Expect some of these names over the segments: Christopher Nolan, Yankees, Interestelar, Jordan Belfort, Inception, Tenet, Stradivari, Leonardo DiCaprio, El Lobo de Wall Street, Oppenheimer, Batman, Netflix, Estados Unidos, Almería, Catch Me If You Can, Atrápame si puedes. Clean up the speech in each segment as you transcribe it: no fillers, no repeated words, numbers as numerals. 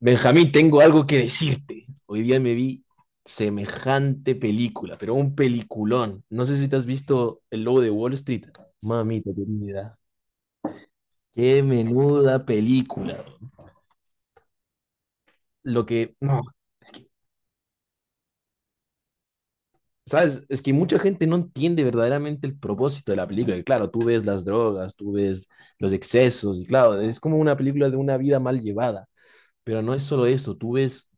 Benjamín, tengo algo que decirte. Hoy día me vi semejante película, pero un peliculón. No sé si te has visto El Lobo de Wall Street. Mamita querida, qué menuda película. Lo que, no, es que, ¿sabes? Es que mucha gente no entiende verdaderamente el propósito de la película. Y claro, tú ves las drogas, tú ves los excesos, y claro, es como una película de una vida mal llevada. Pero no es solo eso, tú ves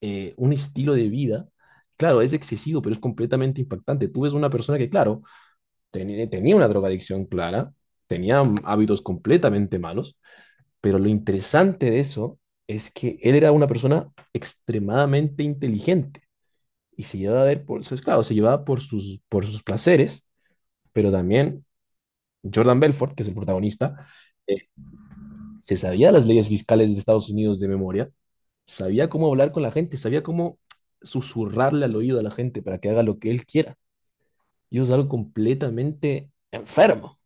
un estilo de vida, claro, es excesivo, pero es completamente impactante. Tú ves una persona que, claro, tenía una drogadicción clara, tenía hábitos completamente malos, pero lo interesante de eso es que él era una persona extremadamente inteligente y se llevaba a ver por, es claro, se llevaba por sus placeres, pero también Jordan Belfort, que es el protagonista, eh, se sabía las leyes fiscales de Estados Unidos de memoria. Sabía cómo hablar con la gente, sabía cómo susurrarle al oído a la gente para que haga lo que él quiera. Y eso es algo completamente enfermo.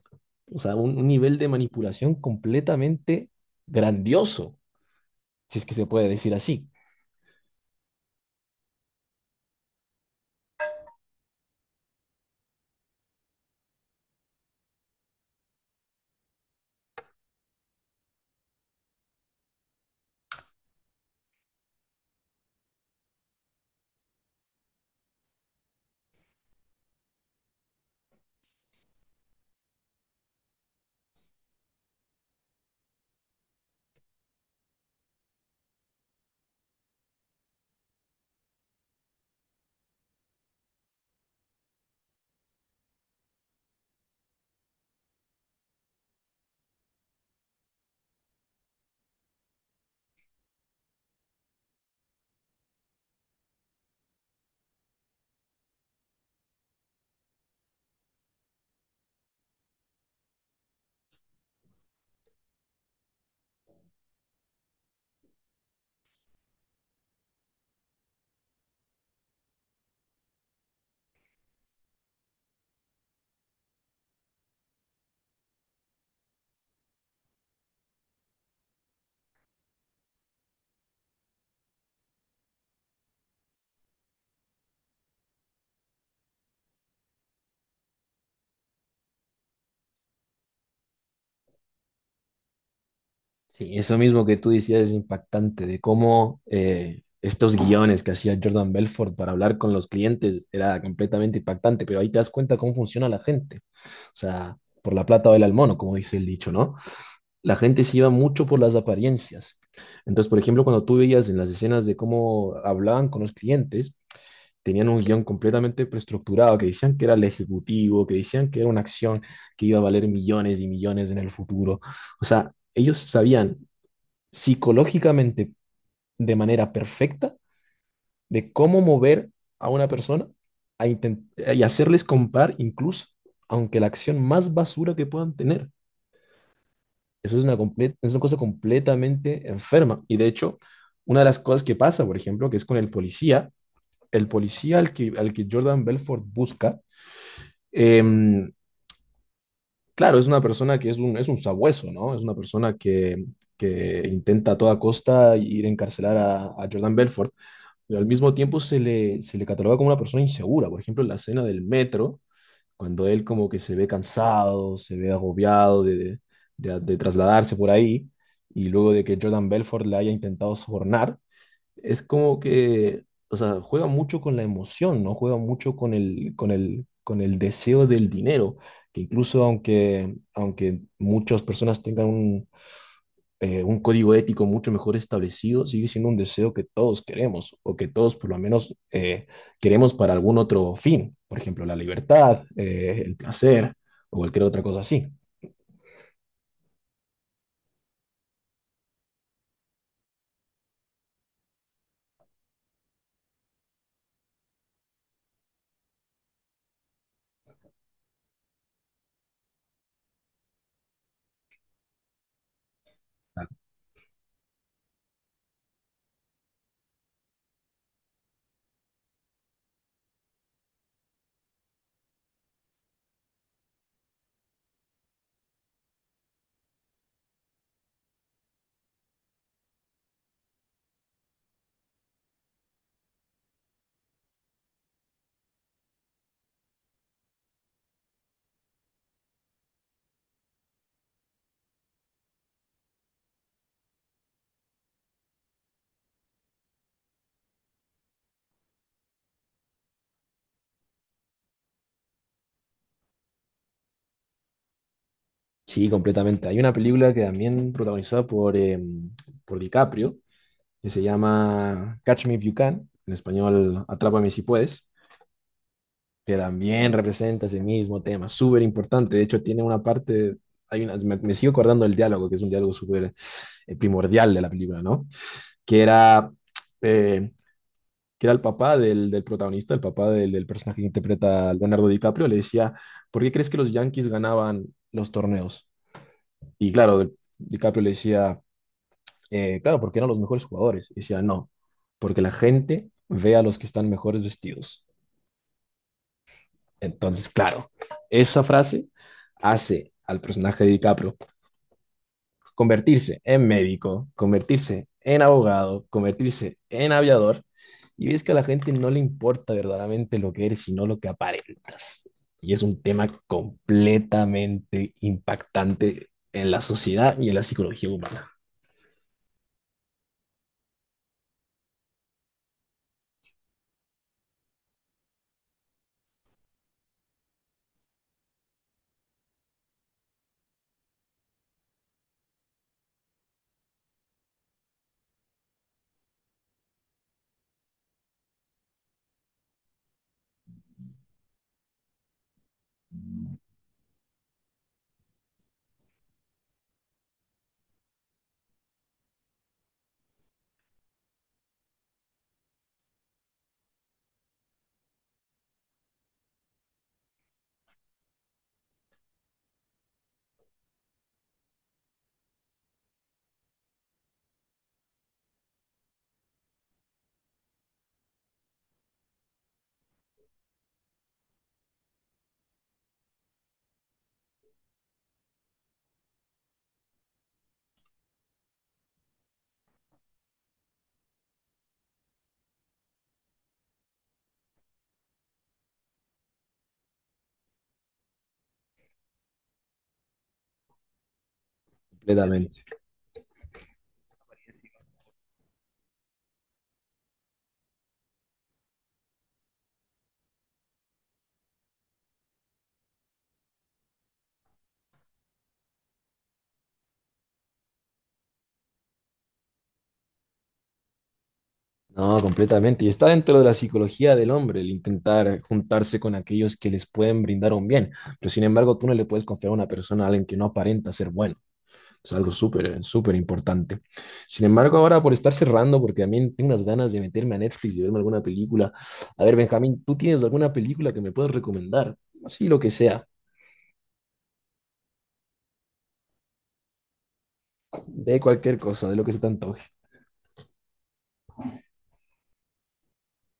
O sea, un nivel de manipulación completamente grandioso, si es que se puede decir así. Sí, eso mismo que tú decías es impactante, de cómo estos guiones que hacía Jordan Belfort para hablar con los clientes era completamente impactante, pero ahí te das cuenta cómo funciona la gente. O sea, por la plata baila el mono, como dice el dicho, ¿no? La gente se iba mucho por las apariencias. Entonces, por ejemplo, cuando tú veías en las escenas de cómo hablaban con los clientes, tenían un guión completamente preestructurado, que decían que era el ejecutivo, que decían que era una acción que iba a valer millones y millones en el futuro. O sea, ellos sabían psicológicamente de manera perfecta de cómo mover a una persona a intent- y hacerles comprar incluso, aunque la acción más basura que puedan tener. Eso es es una cosa completamente enferma. Y de hecho, una de las cosas que pasa, por ejemplo, que es con el policía al que Jordan Belfort busca, em, claro, es una persona que es un sabueso, ¿no? Es una persona que intenta a toda costa ir a encarcelar a Jordan Belfort, pero al mismo tiempo se le cataloga como una persona insegura. Por ejemplo, en la escena del metro cuando él como que se ve cansado, se ve agobiado de de trasladarse por ahí, y luego de que Jordan Belfort le haya intentado sobornar, es como que, o sea, juega mucho con la emoción, ¿no? Juega mucho con el deseo del dinero, que incluso aunque muchas personas tengan un código ético mucho mejor establecido sigue siendo un deseo que todos queremos o que todos por lo menos queremos para algún otro fin, por ejemplo, la libertad, el placer o cualquier otra cosa así. Sí, completamente. Hay una película que también protagonizada por DiCaprio que se llama Catch Me If You Can, en español Atrápame si puedes. Que también representa ese mismo tema, súper importante. De hecho, tiene una parte, hay una, me sigo acordando del diálogo, que es un diálogo súper primordial de la película, ¿no? Que era, eh, que era el papá del protagonista, el papá del personaje que interpreta a Leonardo DiCaprio, le decía, ¿por qué crees que los Yankees ganaban los torneos? Y claro, DiCaprio le decía, claro, porque eran los mejores jugadores. Y decía, no, porque la gente ve a los que están mejores vestidos. Entonces, claro, esa frase hace al personaje de DiCaprio convertirse en médico, convertirse en abogado, convertirse en aviador, y ves que a la gente no le importa verdaderamente lo que eres, sino lo que aparentas. Y es un tema completamente impactante en la sociedad y en la psicología humana. Completamente. No, completamente. Y está dentro de la psicología del hombre el intentar juntarse con aquellos que les pueden brindar un bien. Pero sin embargo, tú no le puedes confiar a una persona a alguien que no aparenta ser bueno. Es algo súper, súper importante. Sin embargo, ahora por estar cerrando, porque también tengo unas ganas de meterme a Netflix y verme alguna película. A ver, Benjamín, ¿tú tienes alguna película que me puedas recomendar? Así lo que sea, de cualquier cosa, de lo que se te antoje.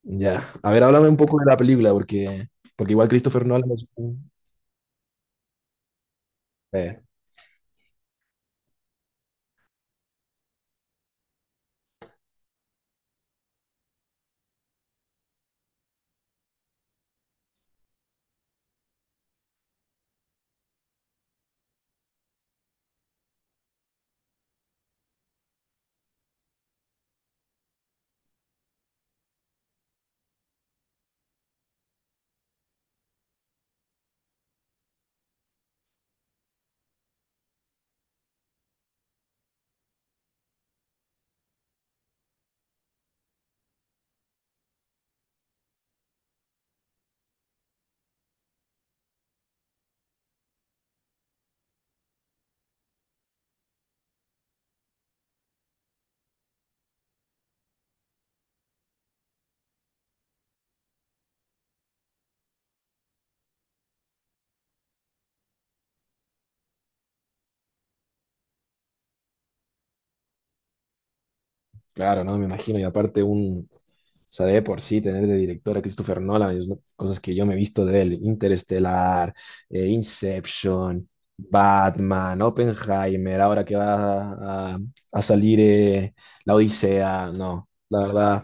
Ya. A ver, háblame un poco de la película, porque, porque igual Christopher Nolan es un- eh, Claro, no, me imagino. Y aparte un, o sea, de por sí tener de director a Christopher Nolan, es una- cosas que yo me he visto de él, Interestelar, Inception, Batman, Oppenheimer, ahora que a salir La Odisea, no,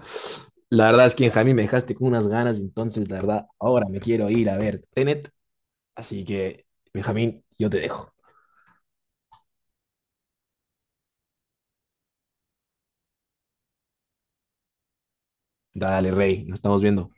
la verdad es que Jaime me dejaste con unas ganas, entonces la verdad, ahora me quiero ir a ver Tenet, así que Benjamín, yo te dejo. Dale, Rey, nos estamos viendo.